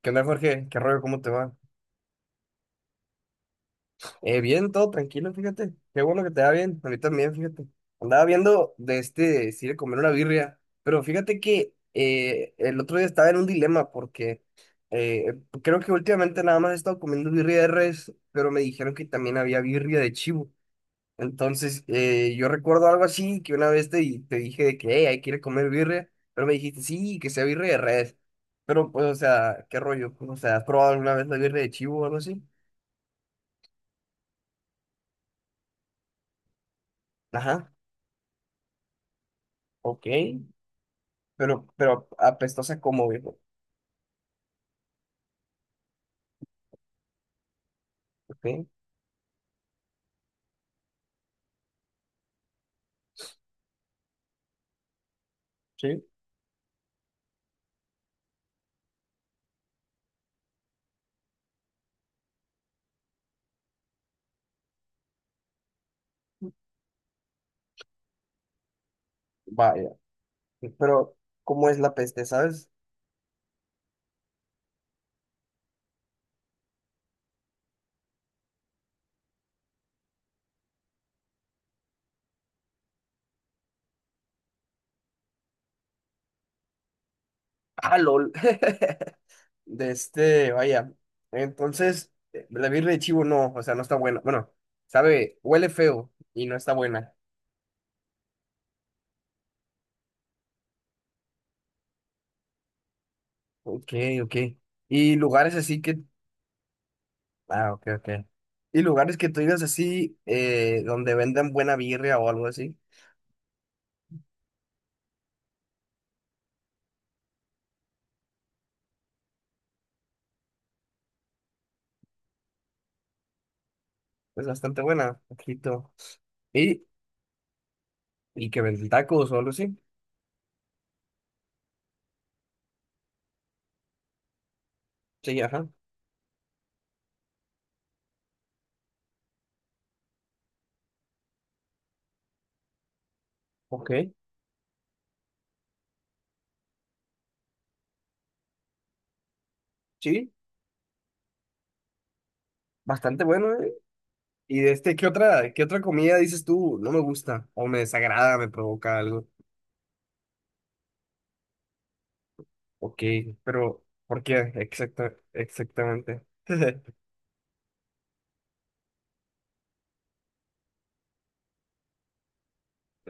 ¿Qué onda, Jorge? ¿Qué rollo? ¿Cómo te va? Bien, todo tranquilo, fíjate. Qué bueno que te va bien. A mí también, fíjate. Andaba viendo si de comer una birria. Pero fíjate que el otro día estaba en un dilema porque eh, creo que últimamente nada más he estado comiendo birria de res, pero me dijeron que también había birria de chivo. Entonces, yo recuerdo algo así, que una vez te dije de que, hey, hay que ir a comer birria, pero me dijiste, sí, que sea birria de res. Pero, pues, o sea, ¿qué rollo? O sea, ¿has probado alguna vez la birria de chivo o algo así? Ajá, ok, pero apestosa como, viejo, ok, sí, vaya, pero ¿cómo es la peste, sabes? Ah, lol, vaya, entonces, la birria de chivo no, o sea, no está buena, bueno, sabe, huele feo y no está buena, ok, ok, y lugares así que, ah, ok, ok, y lugares que tú digas así, donde vendan buena birria o algo así, es bastante buena, ojito, y, y que venden tacos o algo así. Sí, ajá. Ok, sí, bastante bueno, ¿eh? Y qué otra comida dices tú? No me gusta, o me desagrada, me provoca algo. Ok, pero ¿por qué? Exacta, exactamente.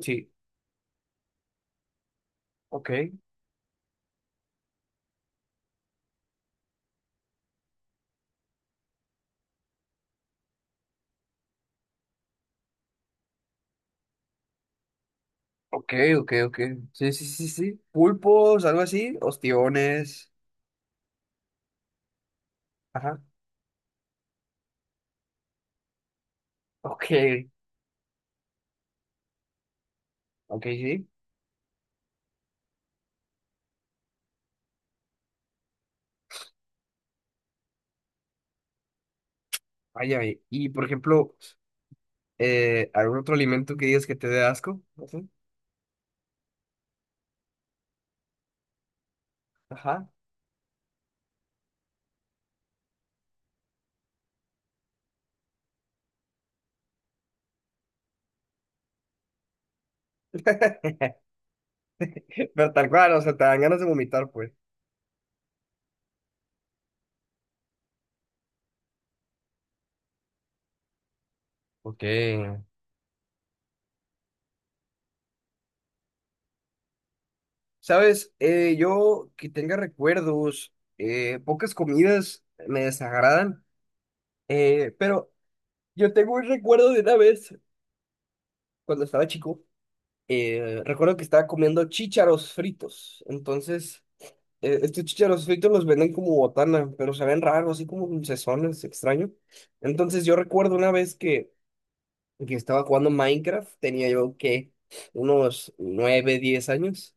Sí, ok, ok, ok, ok. Sí, sí, sí, sí. Pulpos, algo así, ostiones. Ajá. Ok, ok, sí. Vaya, y, por ejemplo, ¿algún otro alimento que digas que te dé asco? No sé. Ajá. Pero tal cual, o sea, te dan ganas de vomitar, pues. Ok. Sabes, yo que tenga recuerdos, pocas comidas me desagradan, pero yo tengo un recuerdo de una vez cuando estaba chico. Recuerdo que estaba comiendo chícharos fritos. Entonces, estos chícharos fritos los venden como botana, pero se ven raros, así como dulcezones, extraño. Entonces, yo recuerdo una vez que estaba jugando Minecraft, tenía yo que unos 9 10 años.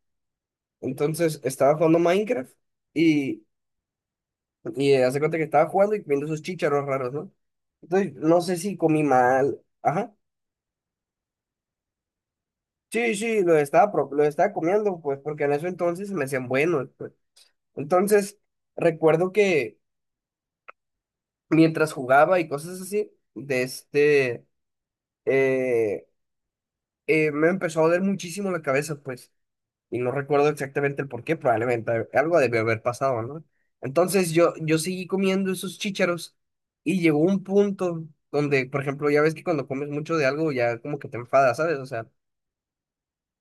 Entonces estaba jugando Minecraft y, y hace cuenta que estaba jugando y viendo esos chícharos raros, ¿no? Entonces no sé si comí mal. Ajá. Sí, sí, lo estaba comiendo, pues, porque en eso entonces se me hacían buenos, pues. Entonces, recuerdo que mientras jugaba y cosas así, eh, me empezó a doler muchísimo la cabeza, pues. Y no recuerdo exactamente el por qué, probablemente algo debió haber pasado, ¿no? Entonces yo seguí comiendo esos chícharos y llegó un punto donde, por ejemplo, ya ves que cuando comes mucho de algo ya como que te enfadas, ¿sabes? O sea,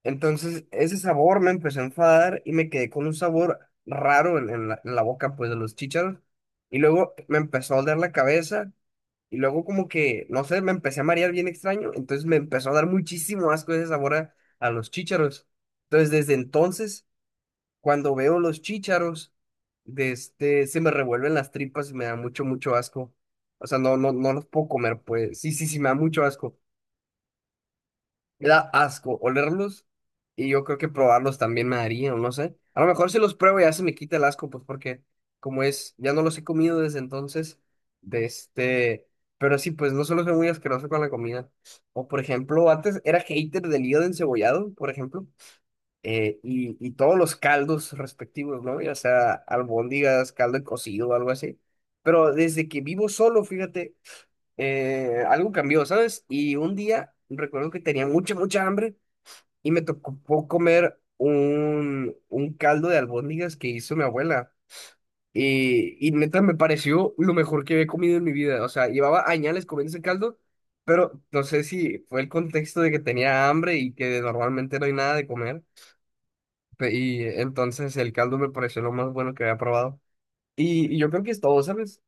entonces ese sabor me empezó a enfadar y me quedé con un sabor raro en en la boca, pues, de los chícharos. Y luego me empezó a doler la cabeza y luego como que, no sé, me empecé a marear bien extraño, entonces me empezó a dar muchísimo asco ese sabor a los chícharos. Entonces, desde entonces cuando veo los chícharos, se me revuelven las tripas y me da mucho, mucho asco. O sea, no, no, no los puedo comer, pues. Sí, sí, sí, me da mucho asco. Me da asco olerlos y yo creo que probarlos también me daría, o no sé. A lo mejor si los pruebo ya se me quita el asco, pues porque como es, ya no los he comido desde entonces, de este... Pero sí, pues no solo soy muy asqueroso con la comida. O por ejemplo, antes era hater del hígado encebollado, por ejemplo y todos los caldos respectivos, ¿no? Ya sea albóndigas, caldo de cocido, algo así. Pero desde que vivo solo, fíjate, algo cambió, ¿sabes? Y un día recuerdo que tenía mucha, mucha hambre y me tocó comer un caldo de albóndigas que hizo mi abuela. Y neta me pareció lo mejor que había comido en mi vida. O sea, llevaba añales comiendo ese caldo, pero no sé si fue el contexto de que tenía hambre y que normalmente no hay nada de comer. Y entonces el caldo me pareció lo más bueno que había probado. Y yo creo que es todo, ¿sabes?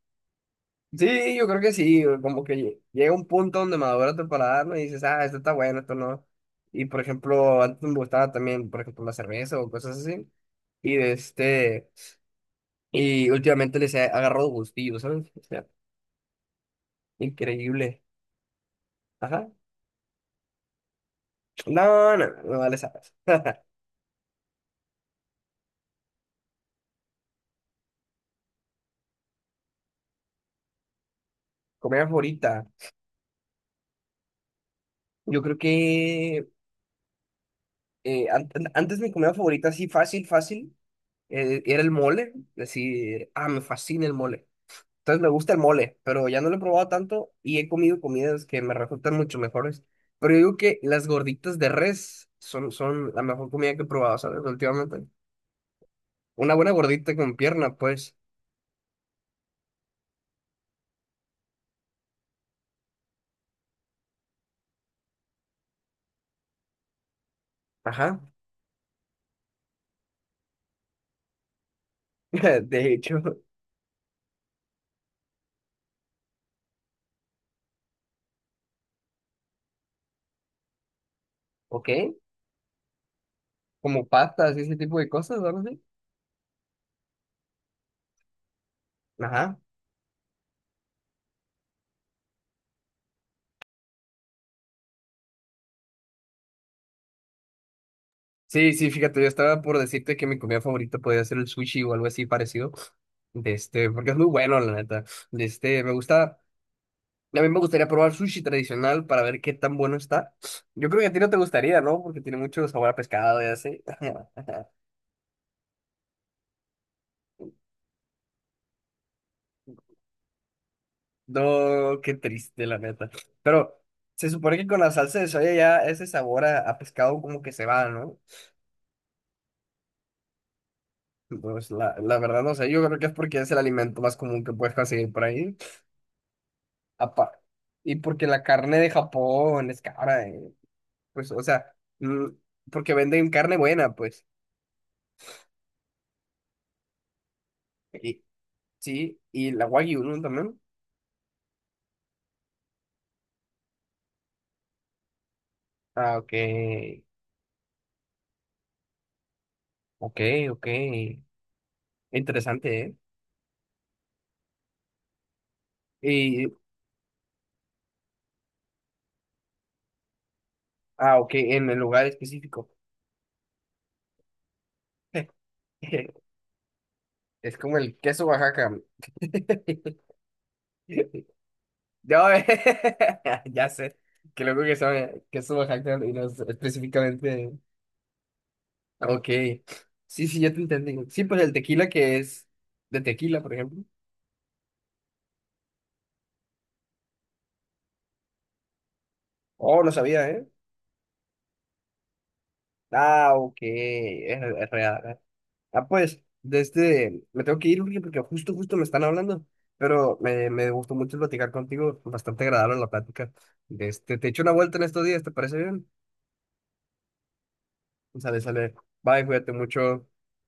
Sí, yo creo que sí. O como que llega un punto donde madura tu paladar, ¿no? Y dices, ah, esto está bueno, esto no. Y por ejemplo, antes me gustaba también, por ejemplo, la cerveza o cosas así. Y y últimamente les he agarrado gustillo, ¿sabes? O sea, increíble. Ajá. No, no, no, no vale, sabes. Comida favorita. Yo creo que antes mi comida favorita, así fácil, fácil. Era el mole, decir, ah, me fascina el mole. Entonces me gusta el mole, pero ya no lo he probado tanto y he comido comidas que me resultan mucho mejores. Pero yo digo que las gorditas de res son la mejor comida que he probado, ¿sabes? Últimamente. Una buena gordita con pierna, pues. Ajá. De hecho, ok. Como pastas y ese tipo de cosas, ¿no? Sí. Ajá. Sí, sí, fíjate, yo estaba por decirte que mi comida favorita podía ser el sushi o algo así parecido. Porque es muy bueno, la neta. De este, me gusta. A mí me gustaría probar sushi tradicional para ver qué tan bueno está. Yo creo que a ti no te gustaría, ¿no? Porque tiene mucho sabor a pescado y así. No, qué triste, la neta. Pero se supone que con la salsa de soya ya ese sabor a pescado como que se va, ¿no? Pues la verdad no sé, yo creo que es porque es el alimento más común que puedes conseguir por ahí. Apa- Y porque la carne de Japón es cara, eh. Pues, o sea, mm, porque venden carne buena, pues. Y, sí, y la wagyu, ¿no? También. Ah, ok. Ok, ok. Interesante, ¿eh? Y, ah, ok, en el lugar específico. Es como el queso Oaxaca. No, ya sé. Qué loco que sabe queso Oaxaca y no sé específicamente. Ok. Sí, sí, ya te entendí. Sí, pues el tequila que es de tequila, por ejemplo. Oh, no sabía, ¿eh? Ah, ok. Es real. Ah, pues, me tengo que ir, Uriel, porque justo, justo me están hablando, pero me gustó mucho platicar contigo, bastante agradable la plática. De este, te echo una vuelta en estos días, ¿te parece bien? Sale, sale. Bye, cuídate mucho.